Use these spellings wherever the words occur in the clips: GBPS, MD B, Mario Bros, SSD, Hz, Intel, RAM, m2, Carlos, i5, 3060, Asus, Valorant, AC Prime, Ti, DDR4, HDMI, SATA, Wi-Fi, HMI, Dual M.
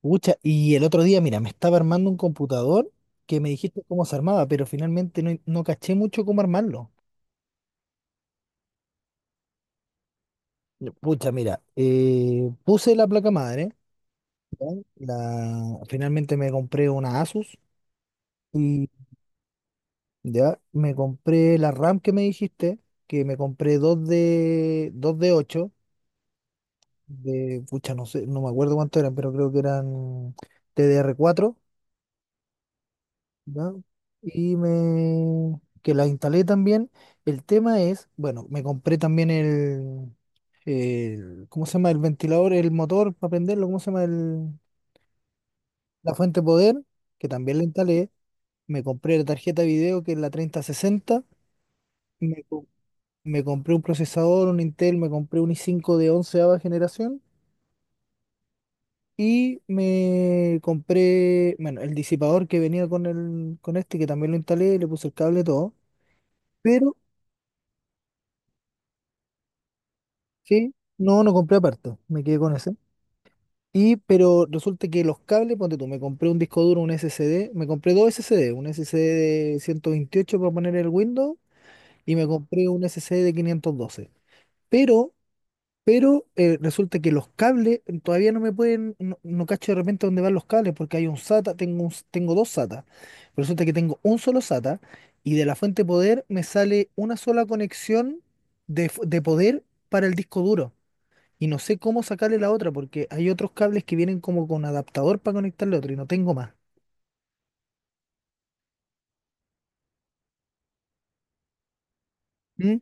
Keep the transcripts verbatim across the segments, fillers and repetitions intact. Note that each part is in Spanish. Pucha, y el otro día, mira, me estaba armando un computador que me dijiste cómo se armaba, pero finalmente no, no caché mucho cómo armarlo. Ya, pucha, mira, eh, puse la placa madre, ¿ya? La, finalmente me compré una Asus y ya me compré la RAM que me dijiste, que me compré dos de, dos de, ocho de, pucha, no sé, no me acuerdo cuánto eran, pero creo que eran tdr cuatro, ¿ya? Y me que la instalé también. El tema es, bueno, me compré también el, el ¿cómo se llama? El ventilador, el motor para prenderlo, ¿cómo se llama? El, la fuente de poder, que también la instalé. Me compré la tarjeta de video, que es la treinta sesenta. Me, co- me compré un procesador, un Intel, me compré un i cinco de onceava generación. Y me compré, bueno, el disipador que venía con el, con este, que también lo instalé, le puse el cable y todo. Sí, no, no compré aparte, me quedé con ese. Y, pero resulta que los cables, ponte tú, me compré un disco duro, un S S D, me compré dos S S D, un S S D de ciento veintiocho para poner el Windows y me compré un S S D de quinientos doce. Pero, pero eh, resulta que los cables eh, todavía no me pueden, no, no cacho de repente dónde van los cables porque hay un SATA, tengo, un- s- tengo dos SATA. Resulta que tengo un solo SATA y de la fuente de poder me sale una sola conexión de, fu- de poder para el disco duro y no sé cómo sacarle la otra porque hay otros cables que vienen como con adaptador para conectarle otro y no tengo más. ¿Mm?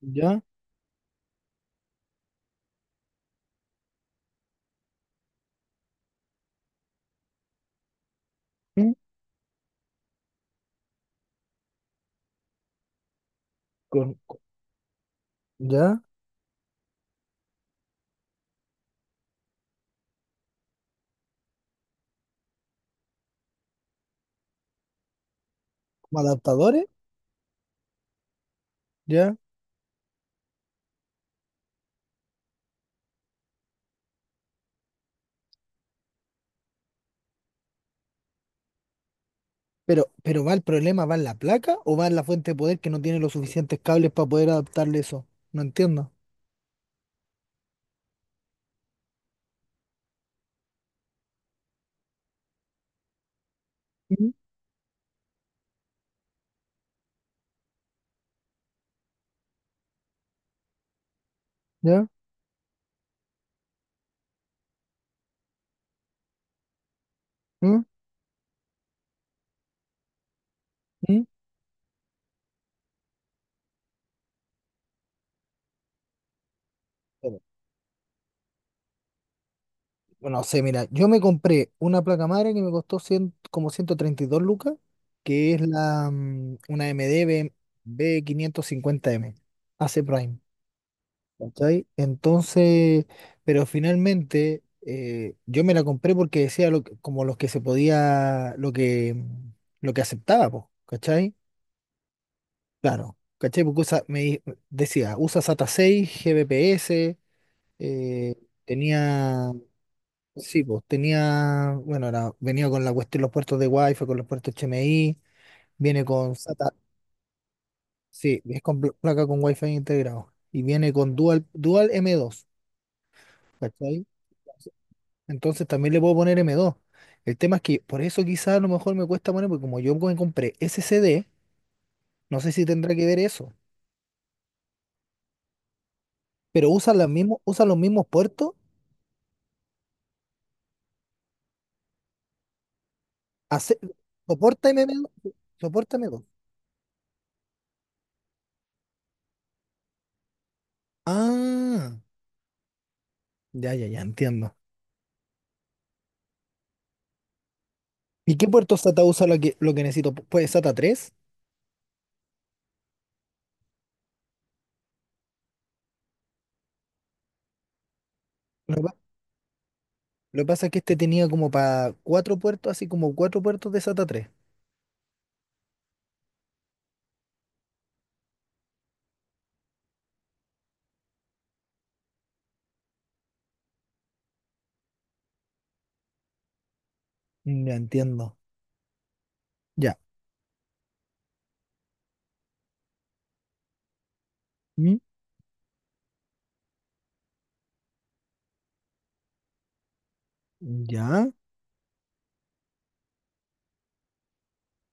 ¿Ya? ¿Mm? ¿Con, con- ya? ¿Como adaptadores? ¿Ya? Pero, pero va el problema, ¿va en la placa o va en la fuente de poder que no tiene los suficientes cables para poder adaptarle eso? No entiendo. ¿Mm? ¿Ya? ¿Mm? ¿Mm? Pero, bueno, no sé, mira, yo me compré una placa madre que me costó cien como ciento treinta y dos lucas, que es la, mm, una M D B- b quinientos cincuenta m A C Prime. ¿Cachai? Entonces, pero finalmente eh, yo me la compré porque decía lo que- como los que se podía, lo que, lo que aceptaba, po, ¿cachai? Claro, ¿cachai? Porque usa- me di- decía, usa SATA seis, G B P S, eh, tenía, sí, pues tenía, bueno, era- venía con la cuestión, los puertos de Wi-Fi, con los puertos H M I, viene con SATA, sí, es con pl- placa con Wi-Fi integrado y viene con Dual, Dual m dos, ¿cachai? Entonces también le puedo poner m dos. El tema es que por eso quizás a lo mejor me cuesta poner, porque como yo me compré S S D, no sé si tendrá que ver eso. Pero usa los mismos, usa los mismos puertos, hace, soporta m dos soporta m dos Ah, ya, ya, ya, entiendo. ¿Y qué puerto SATA usa lo que, lo que necesito? Pu- ¿Puede SATA tres? Lo que pa- lo que pasa es que este tenía como para cuatro puertos, así como cuatro puertos de SATA tres. Ya entiendo. Ya. ¿Mm? ¿Ya?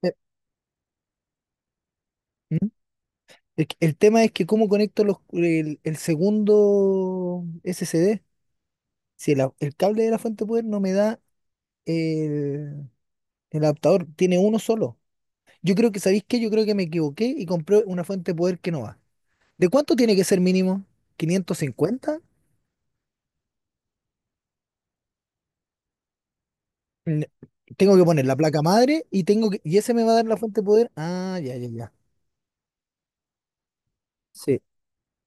Eh, ¿Mm? El, el tema es que cómo conecto los, el, el segundo S S D. Si el, a- el cable de la fuente de poder no me da el, el, adaptador, tiene uno solo. Yo creo que, ¿sabéis qué? Yo creo que me equivoqué y compré una fuente de poder que no va. ¿De cuánto tiene que ser mínimo? ¿quinientos cincuenta? N- Tengo que poner la placa madre y tengo que, y ese me va a dar la fuente de poder. Ah, ya, ya, ya. Sí.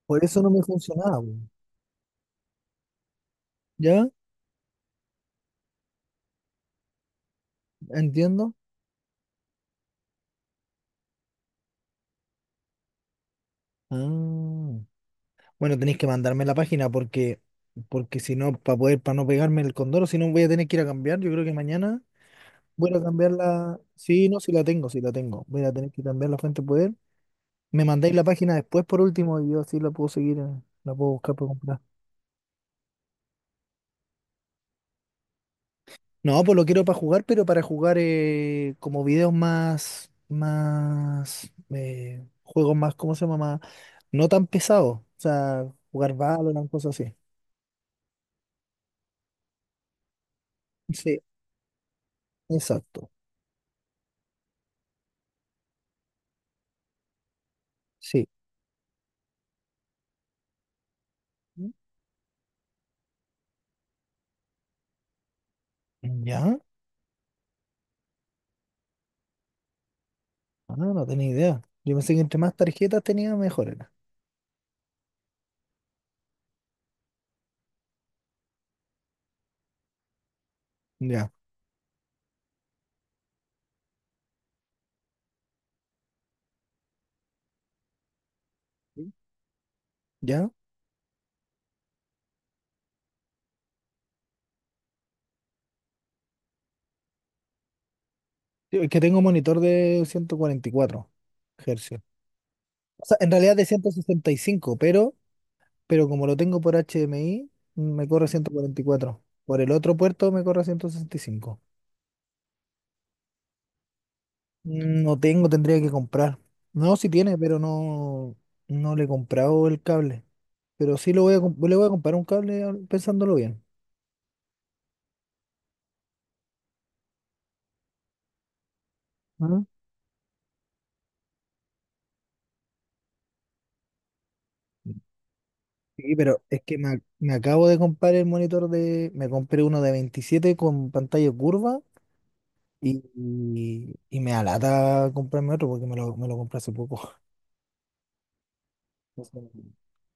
Por eso no me funcionaba, weón. ¿Ya? Entiendo. Ah. Bueno, tenéis que mandarme la página porque, porque si no, para poder, para no pegarme el condoro, si no voy a tener que ir a cambiar. Yo creo que mañana voy a cambiar la. Sí, no, si la tengo, si la tengo. Voy a tener que cambiar la fuente de poder. Me mandáis la página después por último y yo así la puedo seguir, eh, la puedo buscar para comprar. No, pues lo quiero para jugar, pero para jugar eh, como videos más, más, eh, juegos más, ¿cómo se llama? Más- no tan pesados. O sea, jugar Valorant, cosas así. Sí, exacto. Sí. ¿Ya? Ah, no no tenía idea. Yo pensé que entre más tarjetas tenía, mejor era. Ya, ¿sí? Ya. Sí, es que tengo un monitor de ciento cuarenta y cuatro Hz. O sea, en realidad de ciento sesenta y cinco, pero, pero como lo tengo por H D M I, me corre ciento cuarenta y cuatro. Por el otro puerto me corre ciento sesenta y cinco. Mm, no tengo, tendría que comprar. No, sí tiene, pero no, no le he comprado el cable. Pero sí lo voy a, comp- le voy a comprar un cable al- pensándolo bien. Ah. Sí, pero es que me, me acabo de comprar el monitor de. Me compré uno de veintisiete con pantalla curva y, y, y me alata comprarme otro porque me lo, me lo compré hace poco. Entonces,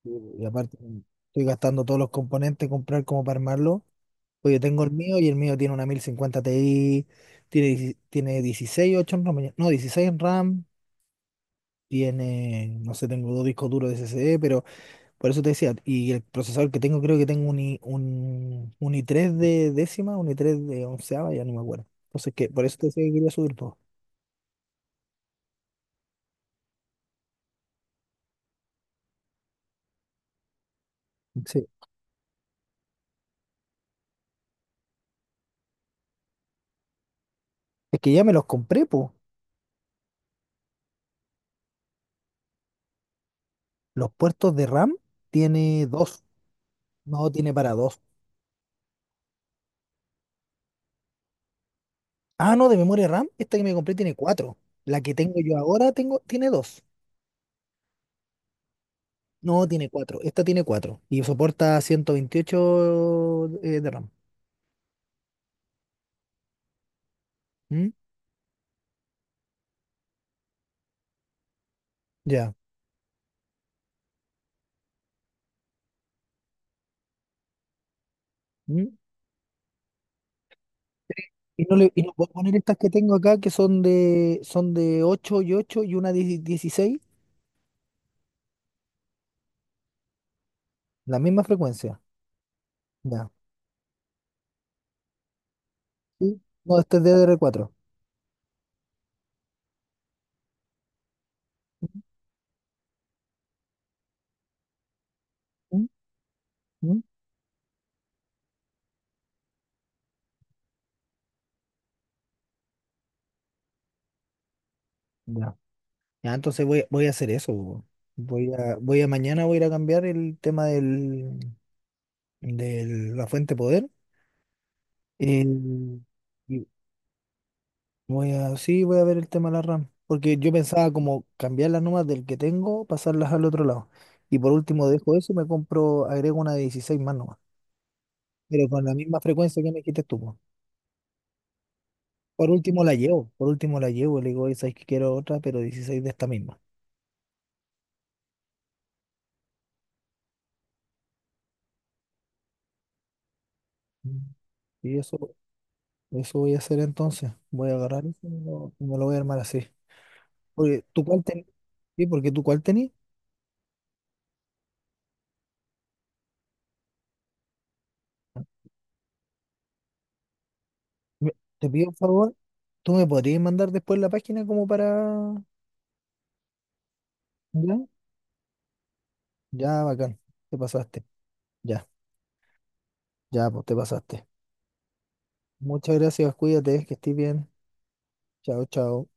sí. Y aparte mm, estoy gastando todos los componentes, comprar como para armarlo. Pues yo tengo el mío y el mío tiene una mil cincuenta Ti, tiene, dieciséis tiene dieciséis ocho en RAM, no, dieciséis en RAM, tiene, no sé, tengo dos discos duros de S S D, pero. Por eso te decía, y el procesador que tengo, creo que tengo un, i- un, un i tres de décima, un i tres de onceava, ya no me acuerdo. Entonces, que por eso te decía que quería subir todo. Sí. Es que ya me los compré, po. Los puertos de RAM tiene dos, no tiene para dos. Ah, no, de memoria RAM, esta que me compré tiene cuatro. La que tengo yo ahora tengo, tiene dos. No, tiene cuatro. Esta tiene cuatro. Y soporta ciento veintiocho eh, de RAM. ¿Mm? Ya. ¿Mm? Y no, le, y no puedo poner estas que tengo acá, que son de, son de ocho y ocho y una diez dieciséis, la misma frecuencia. Ya. ¿Sí? No, este es ddr cuatro. Mm, mm. Ya. Ya, entonces voy, voy a hacer eso, po. Voy a, voy a mañana voy a ir a cambiar el tema del, de la fuente de poder. eh, y voy a, sí, voy a ver el tema de la RAM. Porque yo pensaba como cambiar las nomás del que tengo, pasarlas al otro lado. Y por último dejo eso, me compro, agrego una de dieciséis más pero con la misma frecuencia que me quites tú, po. Por último la llevo, por último la llevo, le digo, oye, sabes que quiero otra, pero dieciséis de esta misma. Mm. Y eso, eso voy a hacer entonces. Voy a agarrar eso y me lo, y me lo voy a armar así. Porque ¿tú cuál tenés? Sí, porque tú cuál tenés. Me- Te pido un favor, ¿tú me podrías mandar después la página como para? ¿Ya? Ya, bacán. Te pasaste. Ya, ya, pues te pasaste. Muchas gracias, cuídate, que estés bien. Chao, chao.